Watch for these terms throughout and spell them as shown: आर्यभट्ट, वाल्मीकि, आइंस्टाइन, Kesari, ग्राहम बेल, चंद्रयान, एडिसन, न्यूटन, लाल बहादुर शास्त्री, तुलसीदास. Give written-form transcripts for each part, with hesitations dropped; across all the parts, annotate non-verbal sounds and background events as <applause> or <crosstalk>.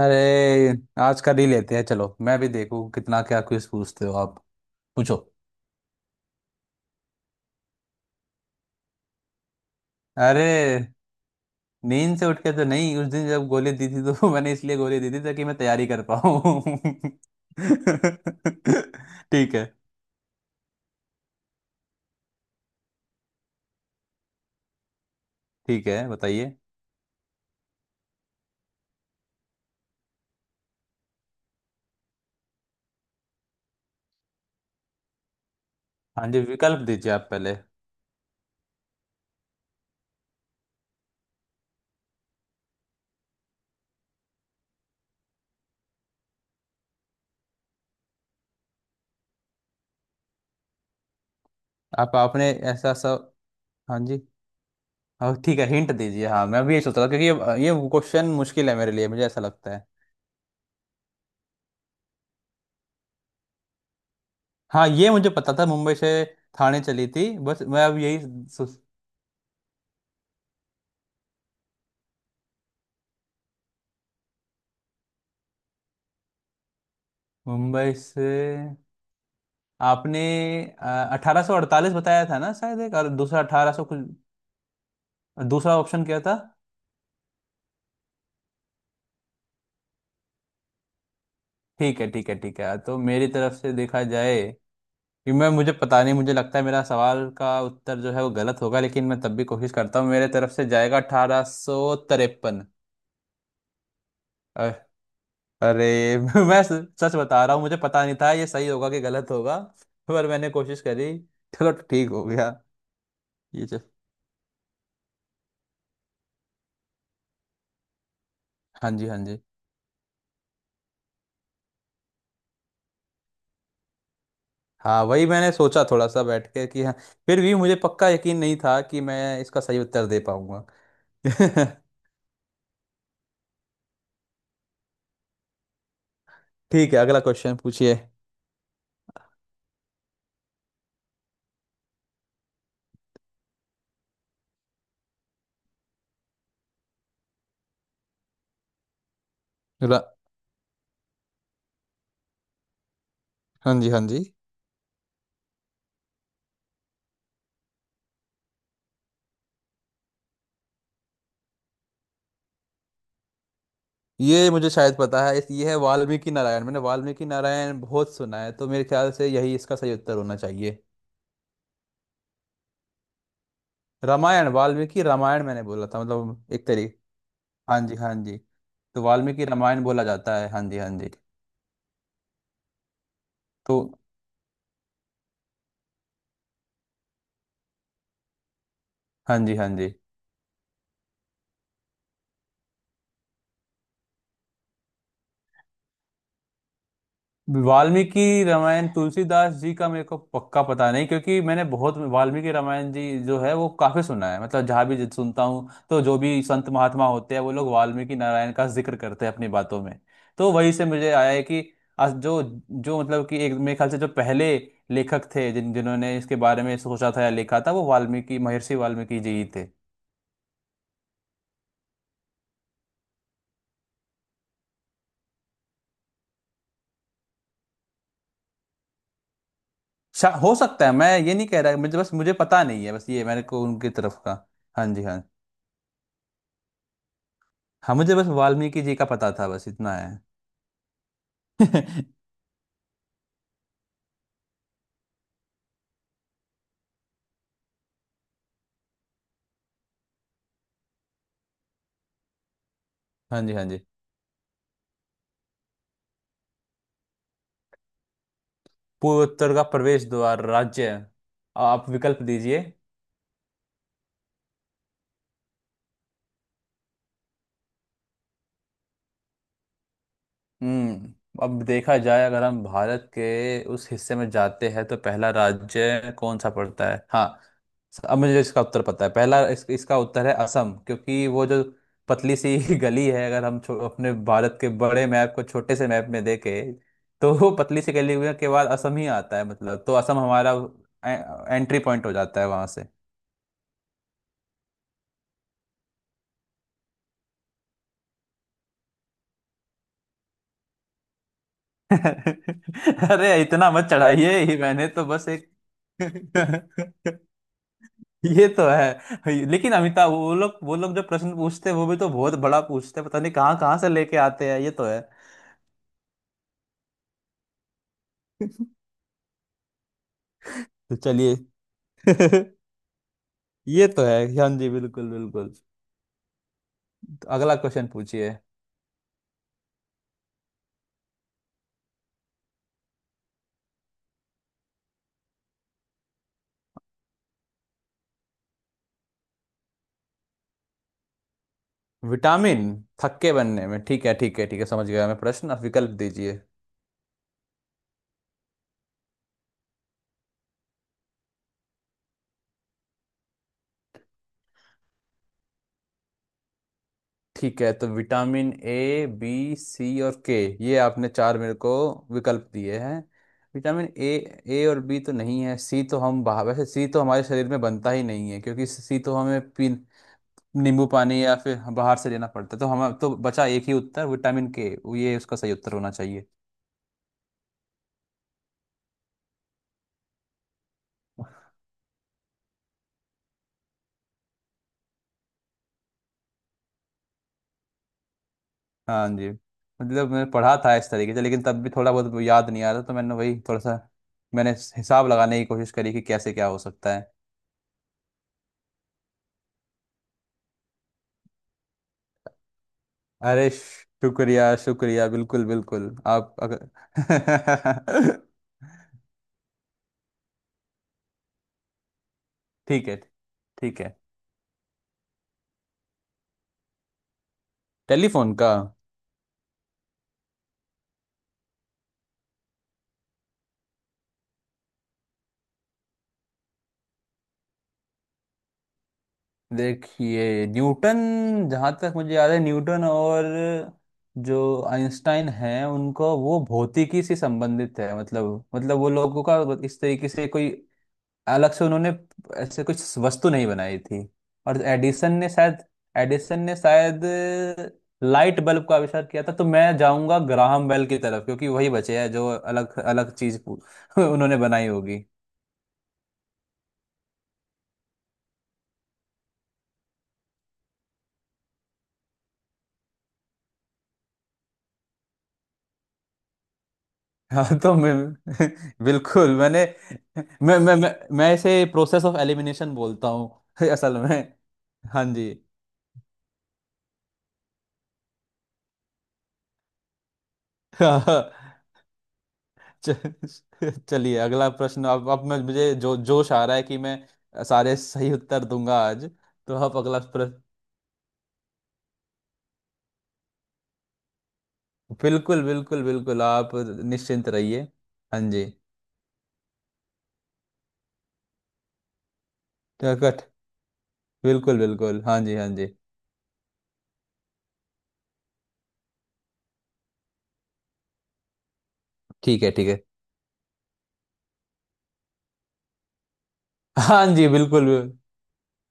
अरे, आज का नहीं लेते हैं। चलो, मैं भी देखूं कितना, क्या क्विज पूछते हो आप। पूछो। अरे, नींद से उठ के तो नहीं। उस दिन जब गोली दी थी तो <laughs> मैंने इसलिए गोली दी थी ताकि मैं तैयारी कर पाऊँ। <laughs> ठीक है, ठीक है, बताइए। हाँ जी, विकल्प दीजिए आप पहले। आप आपने ऐसा सब। हाँ जी। हाँ, ठीक है, हिंट दीजिए। हाँ, मैं भी ये सोच रहा था, क्योंकि ये क्वेश्चन मुश्किल है मेरे लिए, मुझे ऐसा लगता है। हाँ, ये मुझे पता था, मुंबई से थाने चली थी। बस, मैं अब यही सो- मुंबई से। आपने 1848 बताया था ना शायद, एक। और दूसरा अठारह सौ कुछ। और दूसरा ऑप्शन क्या था? ठीक है, ठीक है, ठीक है, तो मेरी तरफ से देखा जाए कि मैं मुझे पता नहीं, मुझे लगता है मेरा सवाल का उत्तर जो है वो गलत होगा, लेकिन मैं तब भी कोशिश करता हूँ। मेरे तरफ से जाएगा 1853। अरे, <laughs> मैं सच सच बता रहा हूँ, मुझे पता नहीं था ये सही होगा कि गलत होगा। पर मैंने कोशिश करी, चलो, ठीक हो गया। ये चल। हाँ जी, हाँ जी। हाँ, वही मैंने सोचा, थोड़ा सा बैठ के कि हाँ। फिर भी मुझे पक्का यकीन नहीं था कि मैं इसका सही उत्तर दे पाऊंगा। <laughs> ठीक है, अगला क्वेश्चन पूछिए। रा- हाँ जी, हाँ जी। ये मुझे शायद पता है। इस ये है वाल्मीकि नारायण। मैंने वाल्मीकि नारायण बहुत सुना है, तो मेरे ख्याल से यही इसका सही उत्तर होना चाहिए। रामायण, वाल्मीकि रामायण मैंने बोला था, मतलब एक तरीके। हाँ जी, हाँ जी। तो वाल्मीकि रामायण बोला जाता है। हाँ जी, हाँ जी। तो हाँ जी, हाँ जी। वाल्मीकि रामायण तुलसीदास जी का मेरे को पक्का पता नहीं, क्योंकि मैंने बहुत वाल्मीकि रामायण जी जो है वो काफी सुना है। मतलब जहाँ भी सुनता हूँ तो जो भी संत महात्मा होते हैं, वो लोग वाल्मीकि नारायण का जिक्र करते हैं अपनी बातों में। तो वहीं से मुझे आया है कि आज जो जो मतलब कि एक, मेरे ख्याल से जो पहले लेखक थे, जिन्होंने इसके बारे में सोचा था या लिखा था, वो वाल्मीकि, महर्षि वाल्मीकि जी ही थे। हो सकता है, मैं ये नहीं कह रहा, मुझे बस मुझे पता नहीं है, बस ये मेरे को उनकी तरफ का। हाँ जी, हाँ। हाँ, मुझे बस वाल्मीकि जी का पता था, बस इतना है। <laughs> हाँ जी, हाँ जी। पूर्वोत्तर का प्रवेश द्वार राज्य? आप विकल्प दीजिए। हम्म। अब देखा जाए, अगर हम भारत के उस हिस्से में जाते हैं तो पहला राज्य कौन सा पड़ता है? हाँ, अब मुझे इसका उत्तर पता है। पहला इसका उत्तर है असम, क्योंकि वो जो पतली सी <laughs> गली है, अगर हम अपने भारत के बड़े मैप को छोटे से मैप में देखे, तो वो पतली सी गली के बाद असम ही आता है, मतलब तो असम हमारा एंट्री पॉइंट हो जाता है वहां से। <laughs> अरे, इतना मत चढ़ाइए, ये मैंने तो बस एक। <laughs> ये तो है, लेकिन अमिताभ, वो लोग, वो लोग जो प्रश्न पूछते हैं, वो भी तो बहुत बड़ा पूछते हैं। पता नहीं कहाँ कहाँ से लेके आते हैं, ये तो है। <laughs> तो चलिए। <laughs> ये तो है। हाँ जी, बिल्कुल बिल्कुल। तो अगला क्वेश्चन पूछिए। विटामिन? थक्के बनने में, ठीक है, ठीक है, ठीक है, समझ गया मैं प्रश्न। आप विकल्प दीजिए। ठीक है, तो विटामिन ए, बी, सी और के। ये आपने चार मेरे को विकल्प दिए हैं। Vitamin A. ए और बी तो नहीं है। सी तो हम बाहर, वैसे सी तो हमारे शरीर में बनता ही नहीं है, क्योंकि सी तो हमें पी नींबू पानी या फिर बाहर से लेना पड़ता है। तो हम, तो बचा एक ही उत्तर, विटामिन के। ये उसका सही उत्तर होना चाहिए। हाँ जी। मतलब मैंने पढ़ा था इस तरीके से, लेकिन तब भी थोड़ा बहुत याद नहीं आ रहा, तो मैंने वही थोड़ा सा मैंने हिसाब लगाने की कोशिश करी कि कैसे क्या हो सकता है। अरे, शुक्रिया, शुक्रिया, बिल्कुल बिल्कुल, आप अगर। <laughs> ठीक है, ठीक है। टेलीफोन का? देखिए, न्यूटन, जहाँ तक मुझे याद है, न्यूटन और जो आइंस्टाइन हैं उनको, वो भौतिकी से संबंधित है। मतलब वो लोगों का इस तरीके से कोई अलग से उन्होंने ऐसे कुछ वस्तु नहीं बनाई थी। और एडिसन ने शायद लाइट बल्ब का आविष्कार किया था। तो मैं जाऊंगा ग्राहम बेल की तरफ, क्योंकि वही बचे हैं जो अलग अलग चीज <laughs> उन्होंने बनाई होगी। हाँ, तो मैं <laughs> बिल्कुल। मैंने मैं इसे प्रोसेस ऑफ एलिमिनेशन बोलता हूँ <laughs> असल में। हाँ जी। <laughs> च- <laughs> चलिए अगला प्रश्न अब मैं मुझे जो जोश आ रहा है कि मैं सारे सही उत्तर दूंगा आज। तो आप अगला प्रश्न। बिल्कुल बिल्कुल बिल्कुल, आप निश्चिंत रहिए। हाँ जी। तो कट। बिल्कुल बिल्कुल, हाँ जी, हाँ जी। ठीक है, ठीक है, हाँ जी, बिल्कुल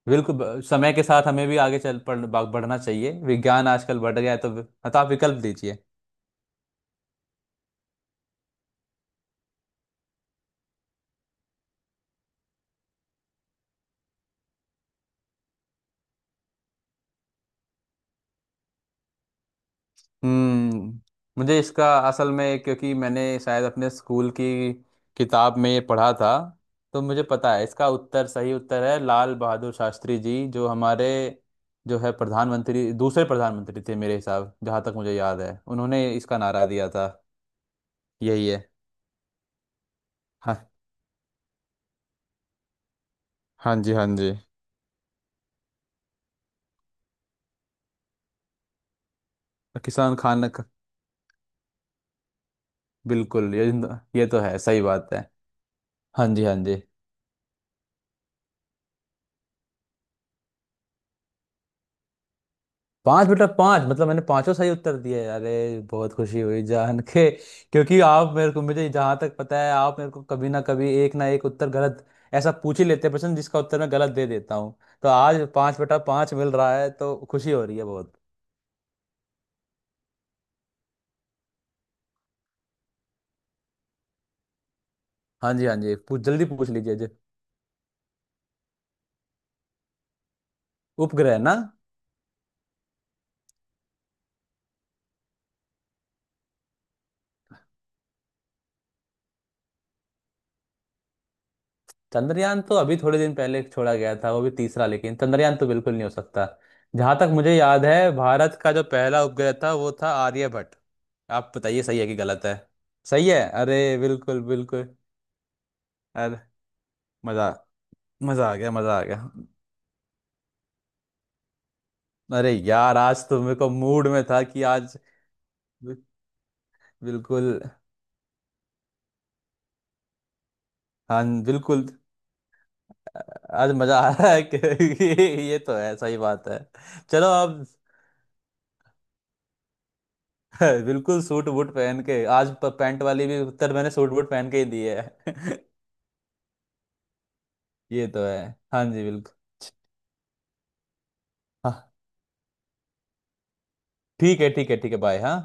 बिल्कुल। समय के साथ हमें भी आगे बढ़ना चाहिए, विज्ञान आजकल बढ़ गया है, तो, आप विकल्प दीजिए। हम्म। मुझे इसका, असल में क्योंकि मैंने शायद अपने स्कूल की किताब में ये पढ़ा था, तो मुझे पता है इसका उत्तर, सही उत्तर है लाल बहादुर शास्त्री जी, जो हमारे, जो है, प्रधानमंत्री, दूसरे प्रधानमंत्री थे मेरे हिसाब, जहाँ तक मुझे याद है उन्होंने इसका नारा दिया था। यही है। हाँ, हाँ जी, हाँ जी। किसान बिल्कुल ये तो है, सही बात है। हाँ जी, हाँ जी। पांच बेटा पांच, मतलब मैंने पांचों सही उत्तर दिए, अरे बहुत खुशी हुई जान के, क्योंकि आप मेरे को, मुझे जहां तक पता है, आप मेरे को कभी ना कभी एक ना एक उत्तर गलत, ऐसा पूछ ही लेते हैं प्रश्न जिसका उत्तर मैं गलत दे देता हूँ। तो आज पांच बेटा पांच मिल रहा है, तो खुशी हो रही है बहुत। हाँ जी, हाँ जी। पूछ जल्दी पूछ लीजिए जी। उपग्रह ना। चंद्रयान तो अभी थोड़े दिन पहले छोड़ा गया था, वो भी तीसरा, लेकिन चंद्रयान तो बिल्कुल नहीं हो सकता। जहां तक मुझे याद है, भारत का जो पहला उपग्रह था वो था आर्यभट्ट। आप बताइए सही है कि गलत है। सही है? अरे बिल्कुल बिल्कुल। अरे मजा मजा आ गया, मजा आ गया। अरे यार, आज तो मेरे को मूड में था कि आज बि- बिल्कुल। हाँ, बिल्कुल, आज मजा आ रहा है कि। <laughs> ये तो है, सही बात है, चलो अब। <laughs> है, बिल्कुल सूट बूट पहन के आज पैंट वाली भी उत्तर मैंने सूट बूट पहन के ही दी है। <laughs> ये तो है। हाँ जी, बिल्कुल। हाँ, ठीक है, ठीक है, ठीक है, बाय। हाँ।